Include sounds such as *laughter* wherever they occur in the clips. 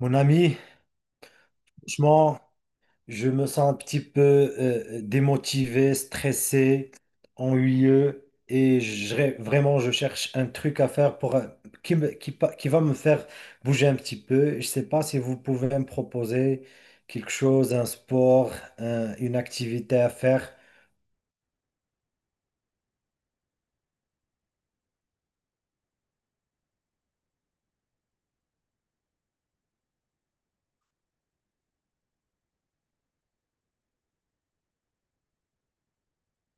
Mon ami, franchement, je me sens un petit peu démotivé, stressé, ennuyeux et vraiment je cherche un truc à faire pour qui, qui, qui va me faire bouger un petit peu. Je ne sais pas si vous pouvez me proposer quelque chose, un sport, une activité à faire.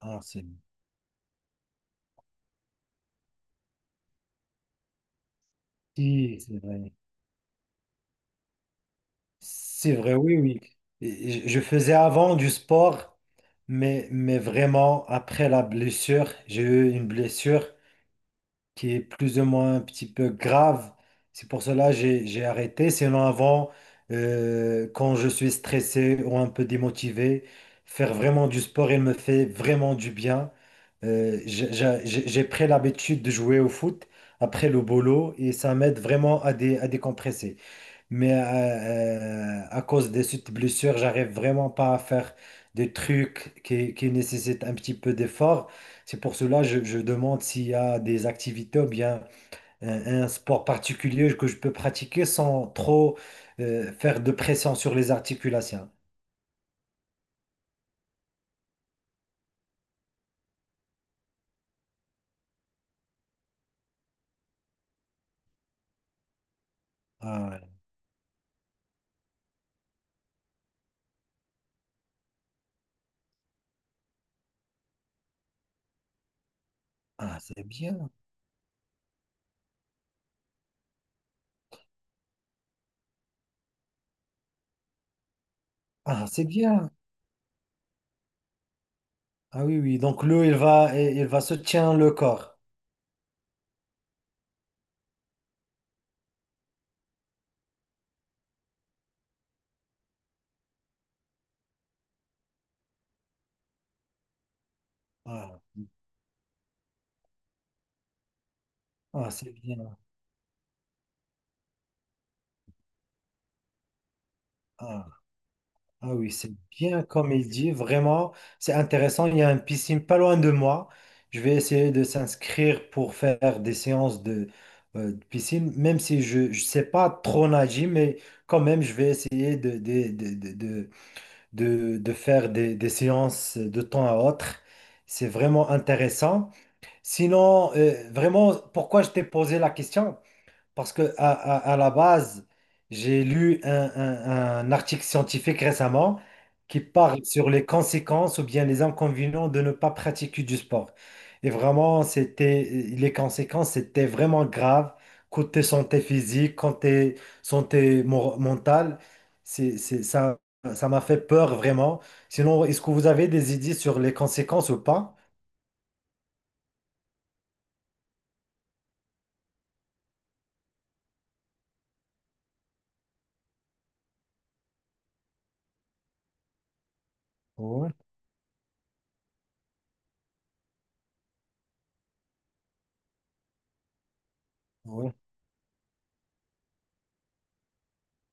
Ah, c'est si, c'est vrai. C'est vrai, oui, oui. Et je faisais avant du sport, mais vraiment, après la blessure, j'ai eu une blessure qui est plus ou moins un petit peu grave. C'est pour cela que j'ai arrêté. Sinon, avant, quand je suis stressé ou un peu démotivé, faire vraiment du sport, il me fait vraiment du bien. J'ai pris l'habitude de jouer au foot après le boulot et ça m'aide vraiment à décompresser. Mais à cause de cette blessure, j'arrive vraiment pas à faire des trucs qui nécessitent un petit peu d'effort. C'est pour cela que je demande s'il y a des activités ou bien un sport particulier que je peux pratiquer sans trop faire de pression sur les articulations. Ah, ouais. Ah, c'est bien. Ah, c'est bien. Ah oui, oui. Donc l'eau, il va soutenir le corps. Ah, ah, c'est bien. Ah. Ah oui, c'est bien comme il dit, vraiment, c'est intéressant. Il y a une piscine pas loin de moi. Je vais essayer de s'inscrire pour faire des séances de piscine, même si je ne sais pas trop nager, mais quand même, je vais essayer de faire des séances de temps à autre. C'est vraiment intéressant. Sinon, vraiment, pourquoi je t'ai posé la question? Parce que à la base, j'ai lu un article scientifique récemment qui parle sur les conséquences ou bien les inconvénients de ne pas pratiquer du sport. Et vraiment, c'était les conséquences étaient vraiment graves côté santé physique, côté mentale. C'est, c'est- ça, ça m'a fait peur vraiment. Sinon, est-ce que vous avez des idées sur les conséquences ou pas? Ouais,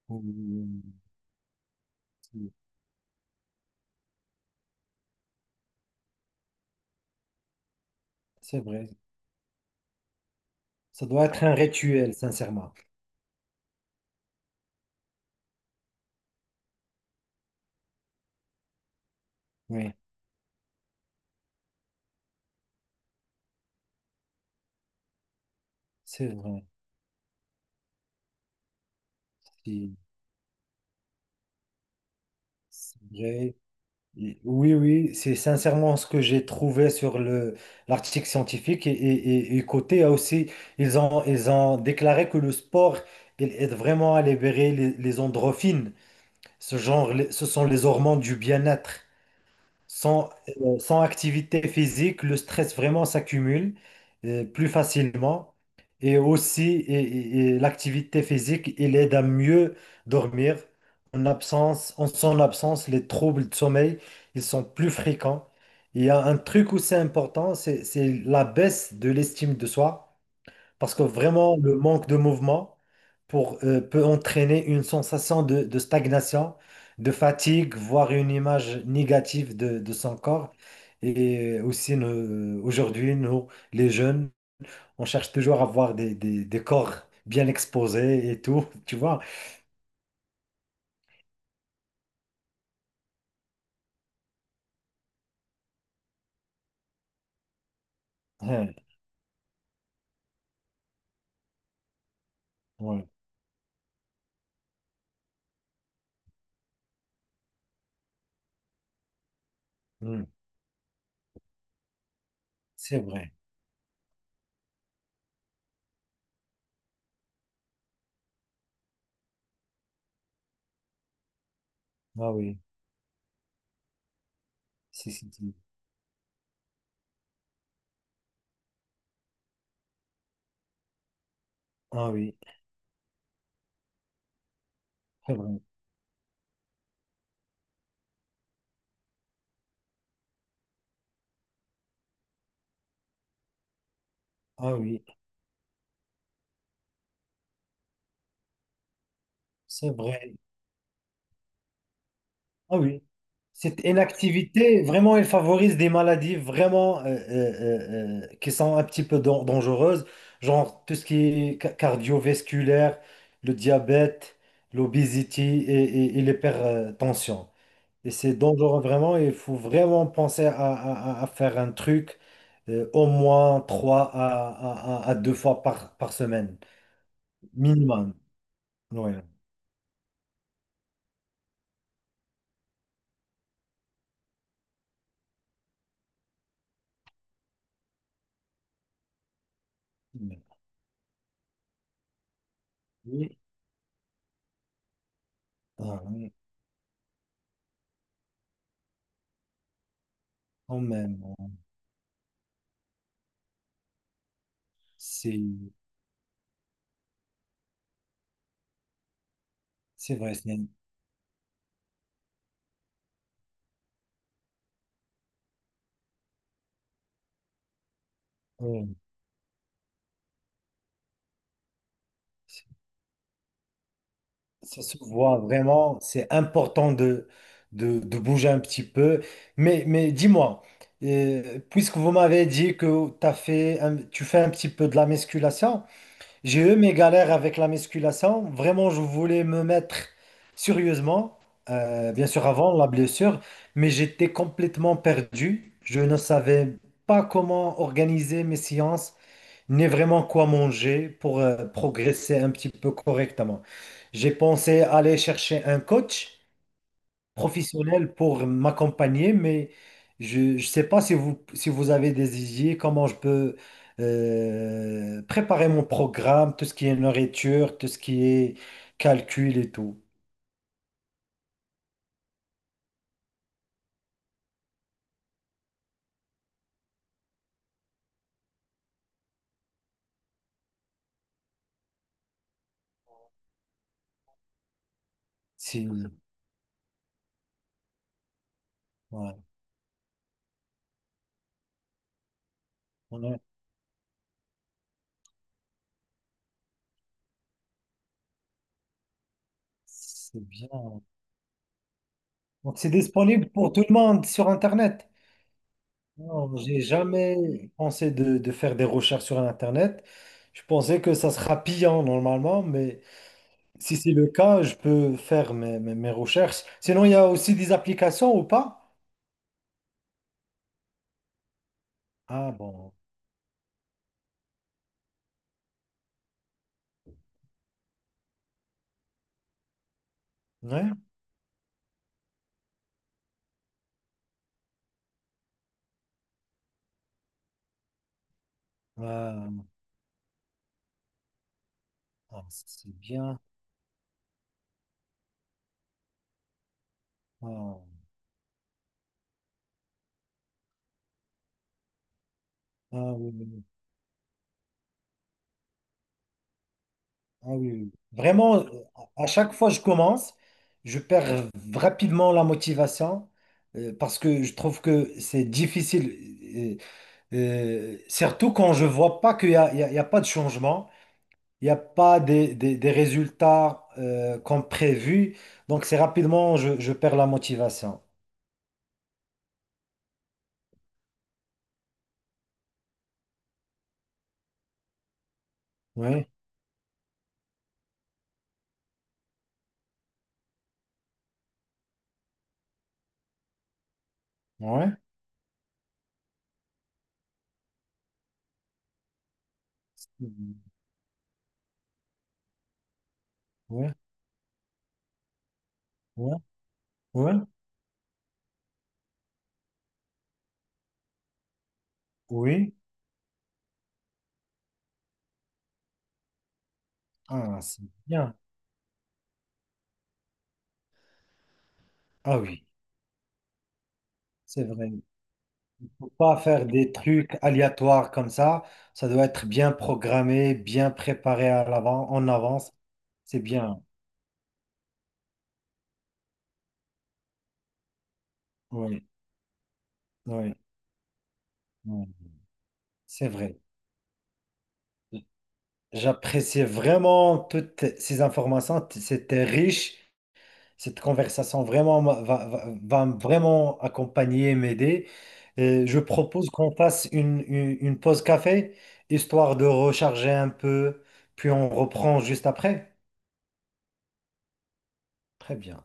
oui. C'est vrai. Ça doit être un rituel, sincèrement. Oui, c'est vrai. Si, c'est vrai. Et- Oui, oui, c'est sincèrement ce que j'ai trouvé sur le l'article scientifique. Et côté ah, aussi, ils ont déclaré que le sport, il aide vraiment à libérer les endorphines. Ce genre, ce sont les hormones du bien-être. Sans, Sans activité physique, le stress vraiment s'accumule plus facilement. Et aussi, l'activité physique, il aide à mieux dormir. En absence, en son absence, les troubles de sommeil, ils sont plus fréquents. Il y a un truc où c'est important, c'est la baisse de l'estime de soi. Parce que vraiment, le manque de mouvement peut entraîner une sensation de stagnation, de fatigue, voire une image négative de son corps. Et aussi, aujourd'hui, nous, les jeunes, on cherche toujours à avoir des corps bien exposés et tout, *laughs* tu vois. Ouais, ouais, hmm, c'est vrai. Ah oui, si, si, si. Ah oui, c'est vrai. Ah oui, c'est vrai. Ah oui. Cette inactivité, vraiment, elle favorise des maladies vraiment qui sont un petit peu dangereuses, genre tout ce qui est cardiovasculaire, le diabète, l'obésité et l'hypertension. Et c'est dangereux vraiment, il faut vraiment penser à faire un truc au moins trois à deux fois par semaine, minimum. Ouais. Oui. Ah oui, quand même, c'est c'est vrai. C'est Oui, c- ça se voit vraiment, c'est important de bouger un petit peu. Mais dis-moi, puisque vous m'avez dit que tu fais un petit peu de la musculation, j'ai eu mes galères avec la musculation. Vraiment, je voulais me mettre sérieusement, bien sûr avant la blessure, mais j'étais complètement perdu. Je ne savais pas comment organiser mes séances, ni vraiment quoi manger pour progresser un petit peu correctement. J'ai pensé aller chercher un coach professionnel pour m'accompagner, mais je ne sais pas si vous avez des idées, comment je peux préparer mon programme, tout ce qui est nourriture, tout ce qui est calcul et tout. Si, ouais, on a- c'est bien. Donc c'est disponible pour tout le monde sur Internet. Non, j'ai jamais pensé de faire des recherches sur Internet. Je pensais que ça sera pillant normalement, mais si c'est le cas, je peux faire mes recherches. Sinon, il y a aussi des applications ou pas? Ah bon, ouais. Euh, ah, c'est bien. Ah, ah oui, oui, oui. Ah oui, oui. Vraiment, à chaque fois que je commence, je perds rapidement la motivation parce que je trouve que c'est difficile. euh, Surtout quand je vois pas qu'il y a, il y a- il y a pas de changement, il n'y a pas des résultats comme prévu. Donc, c'est rapidement, je perds la motivation. Oui, oui, oui, oui, oui, oui. Ah, c'est bien. Ah oui, c'est vrai. Il faut pas faire des trucs aléatoires comme ça. Ça doit être bien programmé, bien préparé à l'avant, en avance. C'est bien. Oui, oui, oui. C'est vrai. J'appréciais vraiment toutes ces informations. T- C'était riche. Cette conversation vraiment va me vraiment accompagner, m'aider. Je propose qu'on fasse une pause café, histoire de recharger un peu, puis on reprend juste après. Très bien.